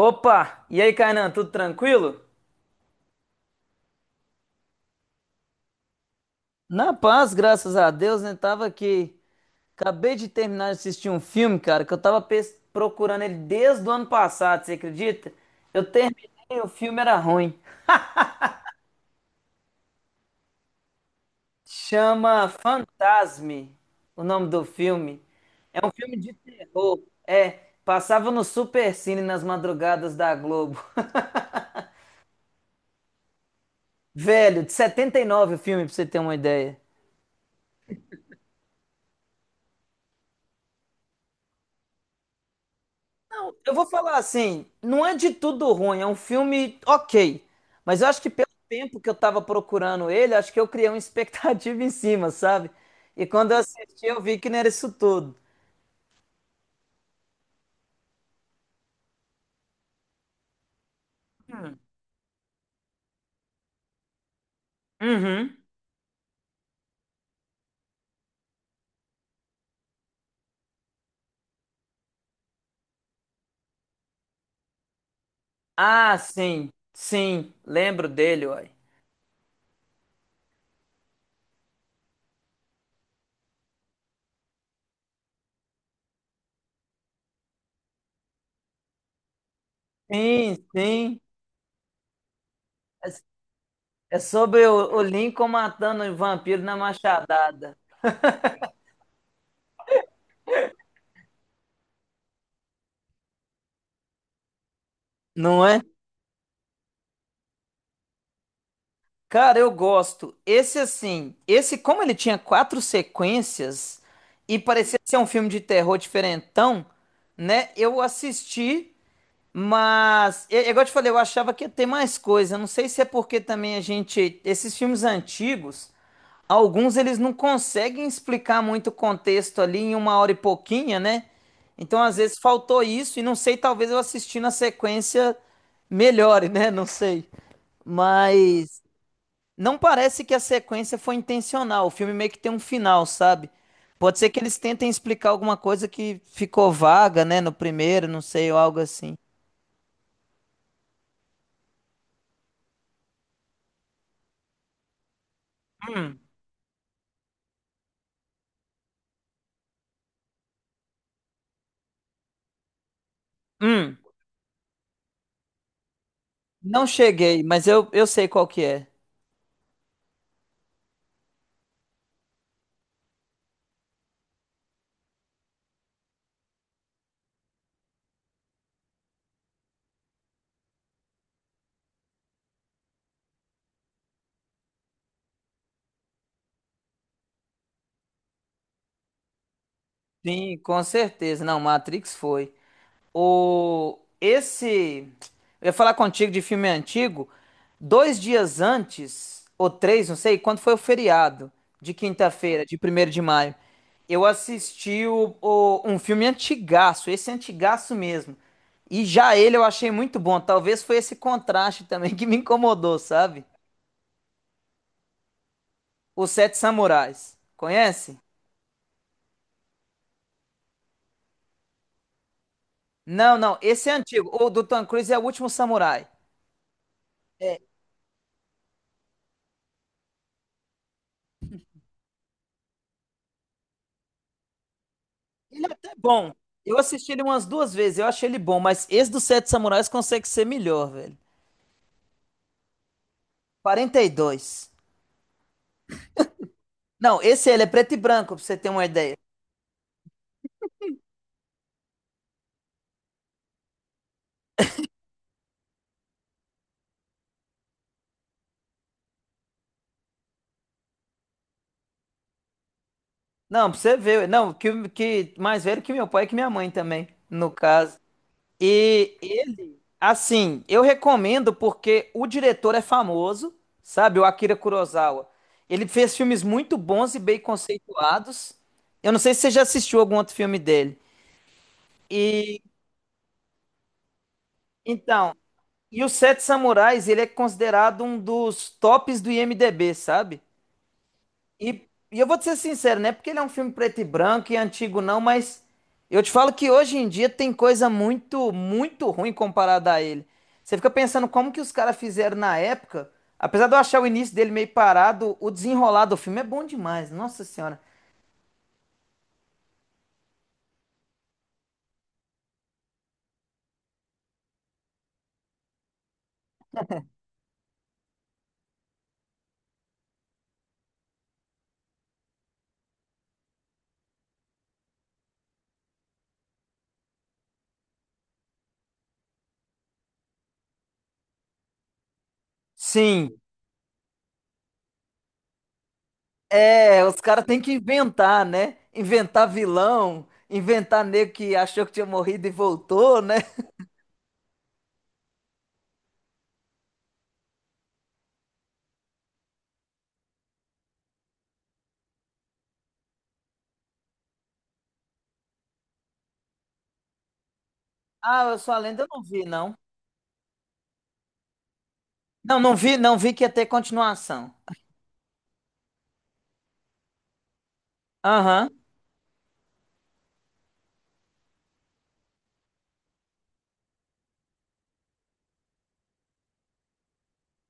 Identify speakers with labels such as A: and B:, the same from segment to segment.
A: Opa! E aí, Kainan, tudo tranquilo? Na paz, graças a Deus, né? Tava aqui. Acabei de terminar de assistir um filme, cara, que eu tava procurando ele desde o ano passado, você acredita? Eu terminei, o filme era ruim. Chama Fantasme, o nome do filme. É um filme de terror. É, passava no Supercine nas madrugadas da Globo. Velho, de 79 o filme, pra você ter uma ideia. Eu vou falar assim, não é de tudo ruim, é um filme ok, mas eu acho que pelo tempo que eu tava procurando ele, acho que eu criei uma expectativa em cima, sabe? E quando eu assisti, eu vi que não era isso tudo. Uhum. Ah, sim, sim, lembro dele, uai. Sim, sim. É é sobre o Lincoln matando o vampiro na machadada, não é? Cara, eu gosto. Esse assim, esse como ele tinha quatro sequências e parecia ser um filme de terror diferentão, né? Eu assisti, mas é igual eu te falei, eu achava que ia ter mais coisa. Não sei se é porque também a gente, esses filmes antigos, alguns eles não conseguem explicar muito o contexto ali em uma hora e pouquinha, né? Então às vezes faltou isso e não sei, talvez eu assistindo a sequência melhore, né? Não sei. Mas não parece que a sequência foi intencional. O filme meio que tem um final, sabe? Pode ser que eles tentem explicar alguma coisa que ficou vaga, né, no primeiro, não sei, ou algo assim. Hum, não cheguei, mas eu sei qual que é. Sim, com certeza. Não, Matrix foi. O esse, eu ia falar contigo de filme antigo. Dois dias antes, ou três, não sei, quando foi o feriado de quinta-feira, de 1º de maio, eu assisti um filme antigaço, esse antigaço mesmo. E já ele eu achei muito bom. Talvez foi esse contraste também que me incomodou, sabe? Os Sete Samurais. Conhece? Não, não, esse é antigo. O do Tom Cruise é o Último Samurai. Ele é até bom. Eu assisti ele umas duas vezes, eu achei ele bom, mas esse dos Sete Samurais consegue ser melhor, velho. 42. Não, esse ele é preto e branco, pra você ter uma ideia. Não, pra você ver. Não, que mais velho que meu pai e que minha mãe também, no caso. E ele, assim, eu recomendo porque o diretor é famoso, sabe? O Akira Kurosawa. Ele fez filmes muito bons e bem conceituados. Eu não sei se você já assistiu algum outro filme dele. E então, e o Sete Samurais, ele é considerado um dos tops do IMDb, sabe? E eu vou te ser sincero, não é porque ele é um filme preto e branco e antigo não, mas eu te falo que hoje em dia tem coisa muito, muito ruim comparada a ele. Você fica pensando como que os caras fizeram na época, apesar de eu achar o início dele meio parado, o desenrolar do filme é bom demais, nossa senhora. Sim, é, os caras têm que inventar, né? Inventar vilão, inventar nego que achou que tinha morrido e voltou, né? Ah, eu sou a lenda, eu não vi, não. Não, não vi, não vi que ia ter continuação. Aham.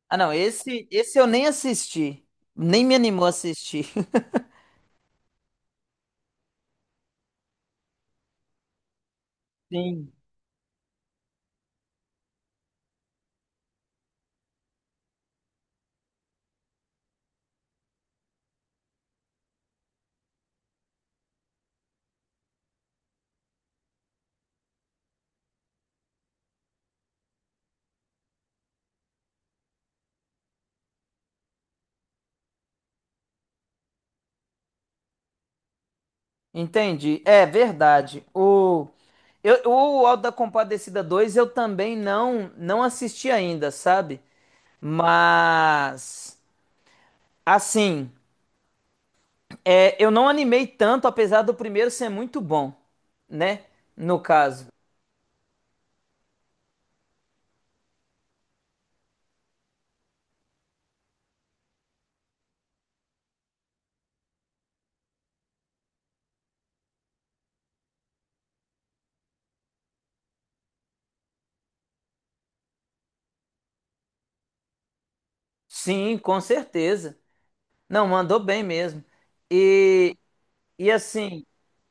A: Ah, não, esse eu nem assisti. Nem me animou a assistir. Sim. Entendi. É verdade. O Auto da Compadecida 2 eu também não, não assisti ainda, sabe? Mas, assim, é, eu não animei tanto, apesar do primeiro ser muito bom, né? No caso. Sim, com certeza. Não, mandou bem mesmo. E, e assim,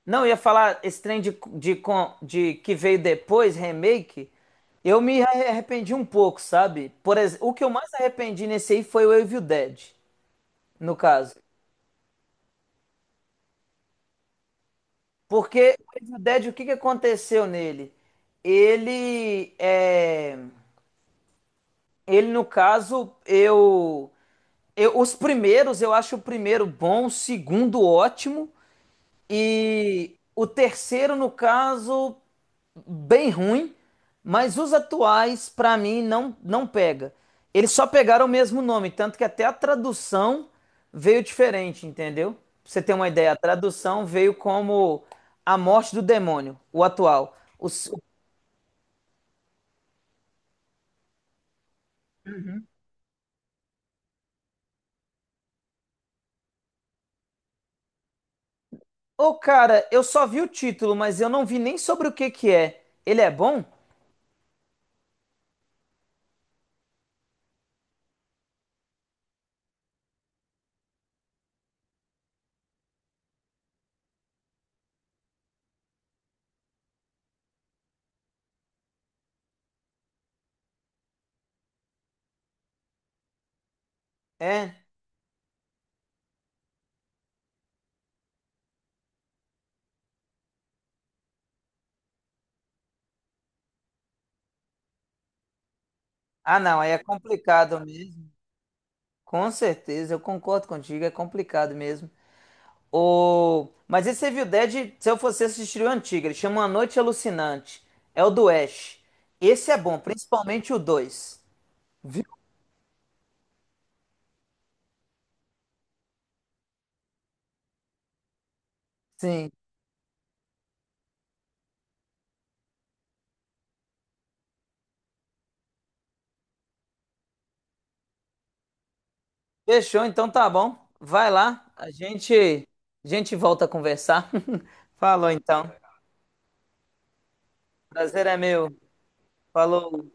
A: não eu ia falar esse trem de de que veio depois, remake, eu me arrependi um pouco, sabe? Por exemplo, o que eu mais arrependi nesse aí foi o Evil Dead, no caso. Porque o Evil Dead, o que que aconteceu nele? Ele é, ele no caso, eu, os primeiros, eu acho o primeiro bom, o segundo ótimo e o terceiro no caso bem ruim, mas os atuais, pra mim, não, não pega. Eles só pegaram o mesmo nome, tanto que até a tradução veio diferente, entendeu? Pra você ter uma ideia, a tradução veio como A Morte do Demônio, o atual. Ô, cara, eu só vi o título, mas eu não vi nem sobre o que que é. Ele é bom? É. Ah, não, aí é complicado mesmo. Com certeza, eu concordo contigo, é complicado mesmo. Mas esse Evil Dead, se eu fosse assistir o antigo, ele chama A Noite Alucinante. É o do Ash. Esse é bom, principalmente o dois. Viu? Sim. Fechou, então tá bom. Vai lá, a gente volta a conversar. Falou então. Prazer é meu. Falou.